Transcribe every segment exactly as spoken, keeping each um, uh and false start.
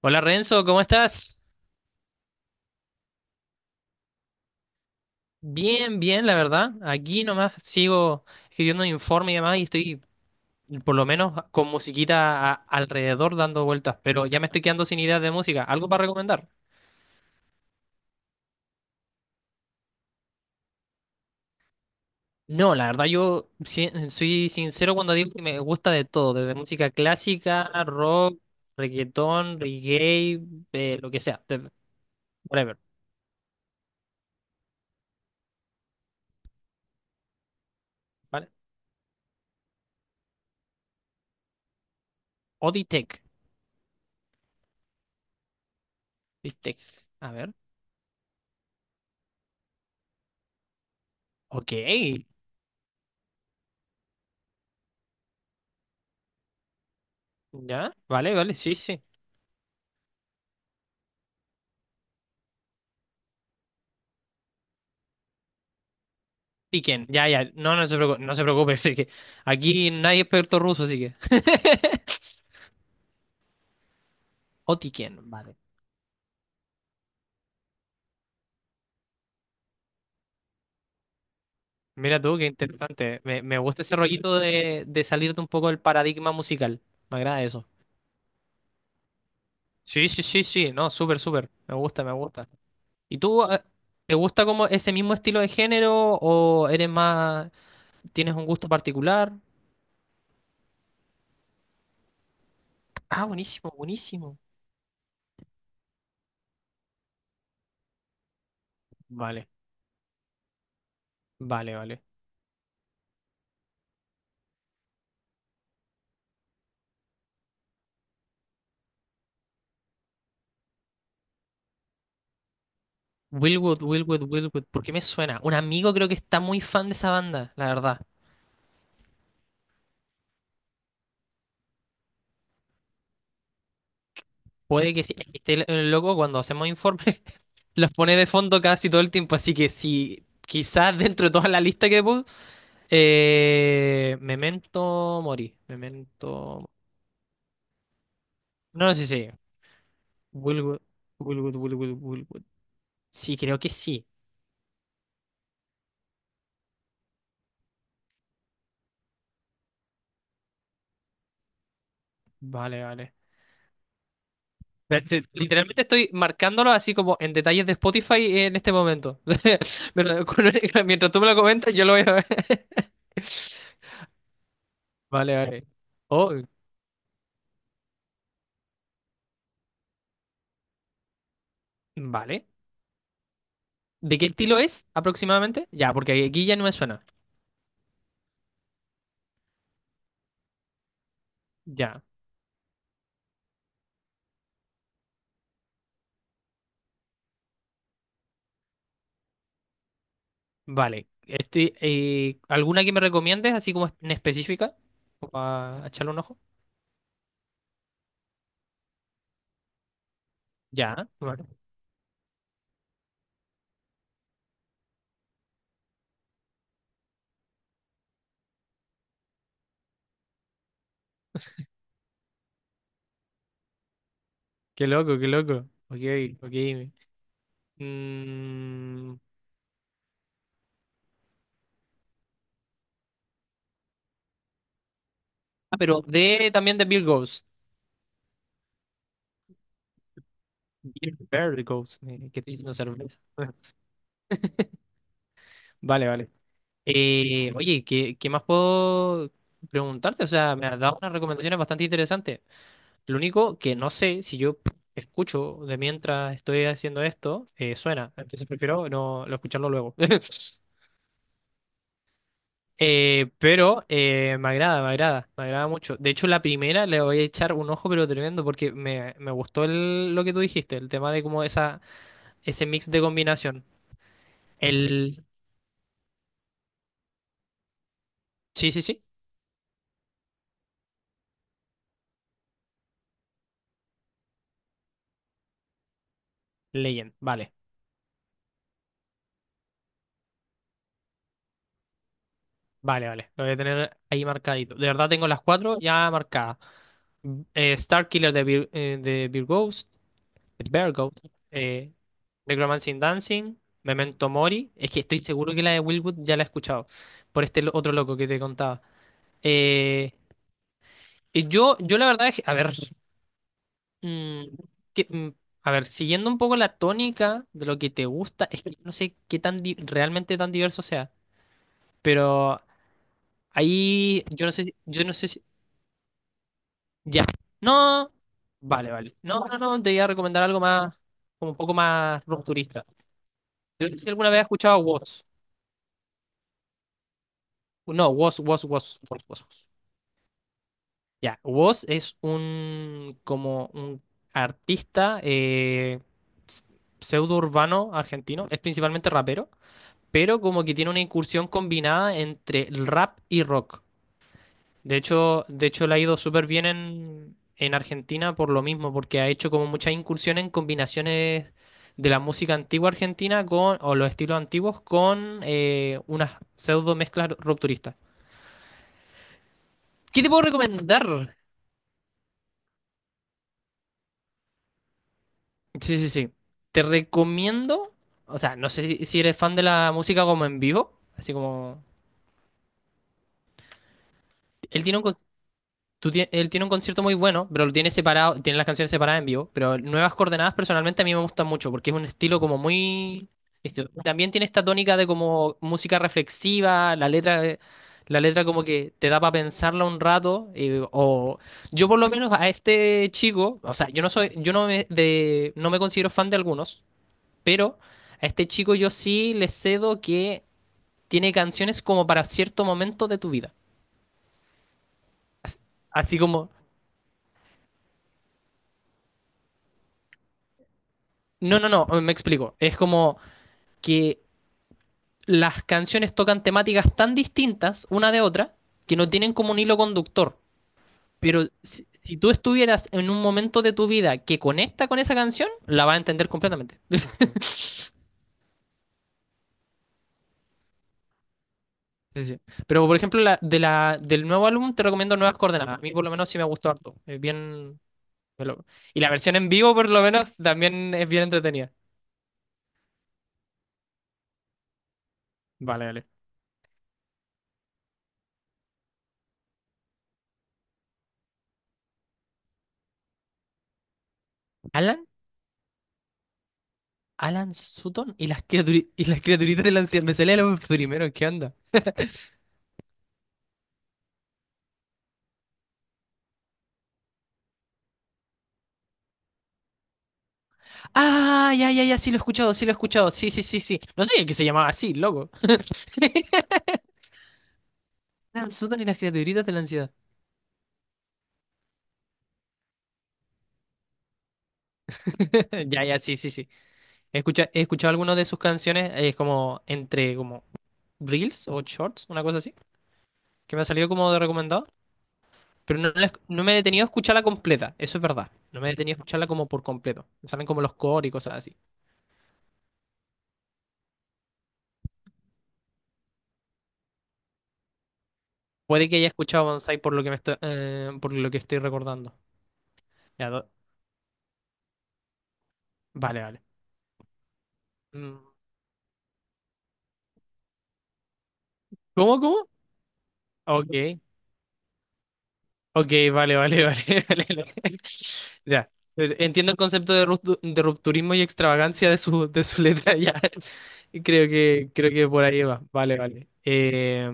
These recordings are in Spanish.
Hola Renzo, ¿cómo estás? Bien, bien, la verdad. Aquí nomás sigo escribiendo un informe y demás y estoy por lo menos con musiquita a- alrededor dando vueltas, pero ya me estoy quedando sin ideas de música. ¿Algo para recomendar? No, la verdad yo si- soy sincero cuando digo que me gusta de todo, desde música clásica, rock, reggaetón, reggae, eh, lo que sea, de- whatever, ¿vale? O D-Tech, D-Tech, a ver. Ok, ya, vale, vale, sí, sí. ¿Y quién? Ya, ya, no, no se preocupe, no se preocupe, sí que aquí nadie es experto ruso, así que. Otiken, vale. Mira tú, qué interesante. Me, me gusta ese rollito de, de salirte un poco del paradigma musical. Me agrada eso. Sí, sí, sí, sí, no, súper, súper. Me gusta, me gusta. ¿Y tú, eh, te gusta como ese mismo estilo de género o eres más, tienes un gusto particular? Ah, buenísimo, buenísimo. Vale, vale, vale. Wilwood, Wilwood, Wilwood, ¿por qué me suena? Un amigo creo que está muy fan de esa banda, la verdad. Puede que sí. Este loco cuando hacemos informes los pone de fondo casi todo el tiempo, así que si quizás dentro de toda la lista que puse, eh, Memento Mori, Memento... No, no sé si Willwood, Willwood, Willwood, Willwood. Sí, creo que sí. Vale, vale. Ve- te- Literalmente estoy marcándolo así como en detalles de Spotify en este momento. Pero con- mientras tú me lo comentas, yo lo voy a ver. Vale, vale. Oh, vale. ¿De qué estilo es aproximadamente? Ya, porque aquí ya no me suena. Ya, vale. Este, eh, ¿alguna que me recomiendes, así como en específica, para echarle un ojo? Ya, vale. Qué loco, qué loco. Ok, ok. Mm, ah, pero de también de Bill Goes. Bill Bear Goes, eh, que estoy diciendo cerveza. Vale, vale. Eh, oye, ¿qué, qué más puedo preguntarte? O sea, me has dado unas recomendaciones bastante interesantes. Lo único que no sé si yo escucho de mientras estoy haciendo esto, eh, suena. Entonces prefiero no, no escucharlo luego. Eh, pero eh, me agrada, me agrada, me agrada mucho. De hecho, la primera le voy a echar un ojo, pero tremendo, porque me, me gustó el- lo que tú dijiste, el tema de como esa, ese mix de combinación. El... Sí, sí, sí. Legend. Vale, vale, vale. Lo voy a tener ahí marcadito. De verdad tengo las cuatro ya marcadas. Mm, eh, Star Killer de, Bir- eh, de Beer Bear Goat, eh, Necromancy Dancing, Memento Mori. Es que estoy seguro que la de Wilwood ya la he escuchado por este lo- otro loco que te contaba. Eh, y yo, yo la verdad es que, a ver, mm, que- mm, a ver, siguiendo un poco la tónica de lo que te gusta, es que no sé qué tan di- realmente tan diverso sea, pero ahí yo no sé si, yo no sé si, ya, no, vale, vale, no, no, no, te voy a recomendar algo más, como un poco más rupturista. Yo no sé si alguna vez has escuchado a Watts. No, was was was was was Was. Ya, was es un como un artista eh, pseudo urbano argentino, es principalmente rapero, pero como que tiene una incursión combinada entre el rap y rock. De hecho, de hecho le ha ido súper bien en, en Argentina por lo mismo, porque ha hecho como muchas incursiones en combinaciones de la música antigua argentina con, o los estilos antiguos con eh, unas pseudo mezclas rupturistas. ¿Qué te puedo recomendar? Sí, sí, sí. Te recomiendo, o sea, no sé si, si eres fan de la música como en vivo, así como... Él tiene un, con- tú tie- él tiene un concierto muy bueno, pero lo tiene separado, tiene las canciones separadas en vivo, pero Nuevas Coordenadas personalmente a mí me gusta mucho porque es un estilo como muy... Esto también tiene esta tónica de como música reflexiva, la letra, eh, la letra como que te da para pensarla un rato, eh, o... Yo por lo menos a este chico, o sea, yo no soy, yo no me, de, no me considero fan de algunos. Pero a este chico yo sí le cedo que tiene canciones como para cierto momento de tu vida. Así como, no, no, no, me explico. Es como que las canciones tocan temáticas tan distintas una de otra que no tienen como un hilo conductor. Pero si, si tú estuvieras en un momento de tu vida que conecta con esa canción, la vas a entender completamente. Sí, sí. Pero por ejemplo, la, de la, del nuevo álbum te recomiendo Nuevas Coordenadas. A mí por lo menos sí me gustó harto. Es bien, Me lo- Y la versión en vivo, por lo menos, también es bien entretenida. Vale, vale. Alan, Alan Sutton y las criaturi- y las criaturitas de la anciano. Me salía lo primero, ¿qué onda? Ah, ya, ya, ya, sí lo he escuchado, sí lo he escuchado. Sí, sí, sí, sí. No sabía que se llamaba así, loco. Alan Sutton y las criaturitas de la ansiedad. Ya, ya, sí, sí, sí. He escuchado, he escuchado algunas de sus canciones, es como entre como reels o shorts, una cosa así, que me ha salido como de recomendado. Pero no, la esc- no me he detenido a escucharla completa, eso es verdad. No me he detenido a escucharla como por completo. Me salen como los cores y cosas así. Puede que haya escuchado Bonsai por lo que me estoy, eh, por lo que estoy recordando. Ya, do- vale, vale. Mm, ¿cómo, cómo? Ok, ok, vale, vale, vale, vale, vale. Ya. Entiendo el concepto de, ruptu- de rupturismo y extravagancia de su, de su letra, ya. Creo que, creo que por ahí va. Vale, vale. Eh,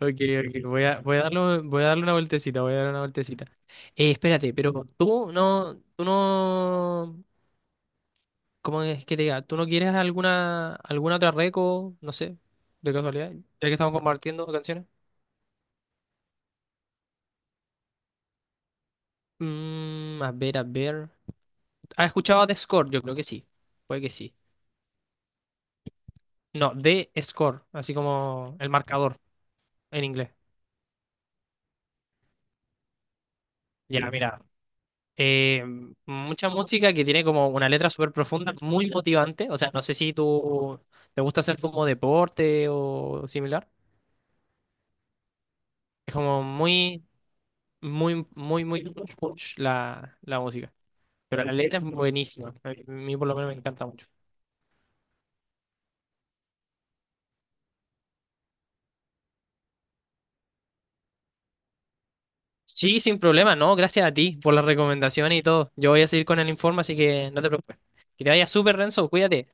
ok, ok, voy a, voy a darle, voy a darle una vueltecita, voy a darle una vueltecita. Eh, espérate, pero tú no, tú no, ¿cómo es que te diga? ¿Tú no quieres alguna, alguna otra reco, no sé, de casualidad, ya que estamos compartiendo canciones? Mm, a ver, a ver. ¿Has escuchado de Score? Yo creo que sí, puede que sí. No, de Score, así como el marcador en inglés. Ya, mira, eh, mucha música que tiene como una letra súper profunda, muy motivante. O sea, no sé si tú te gusta hacer como deporte o similar. Es como muy, muy, muy, muy punch, punch la, la música. Pero la letra es buenísima. A mí por lo menos me encanta mucho. Sí, sin problema, no, gracias a ti por la recomendación y todo. Yo voy a seguir con el informe, así que no te preocupes. Que te vaya súper, Renzo, cuídate.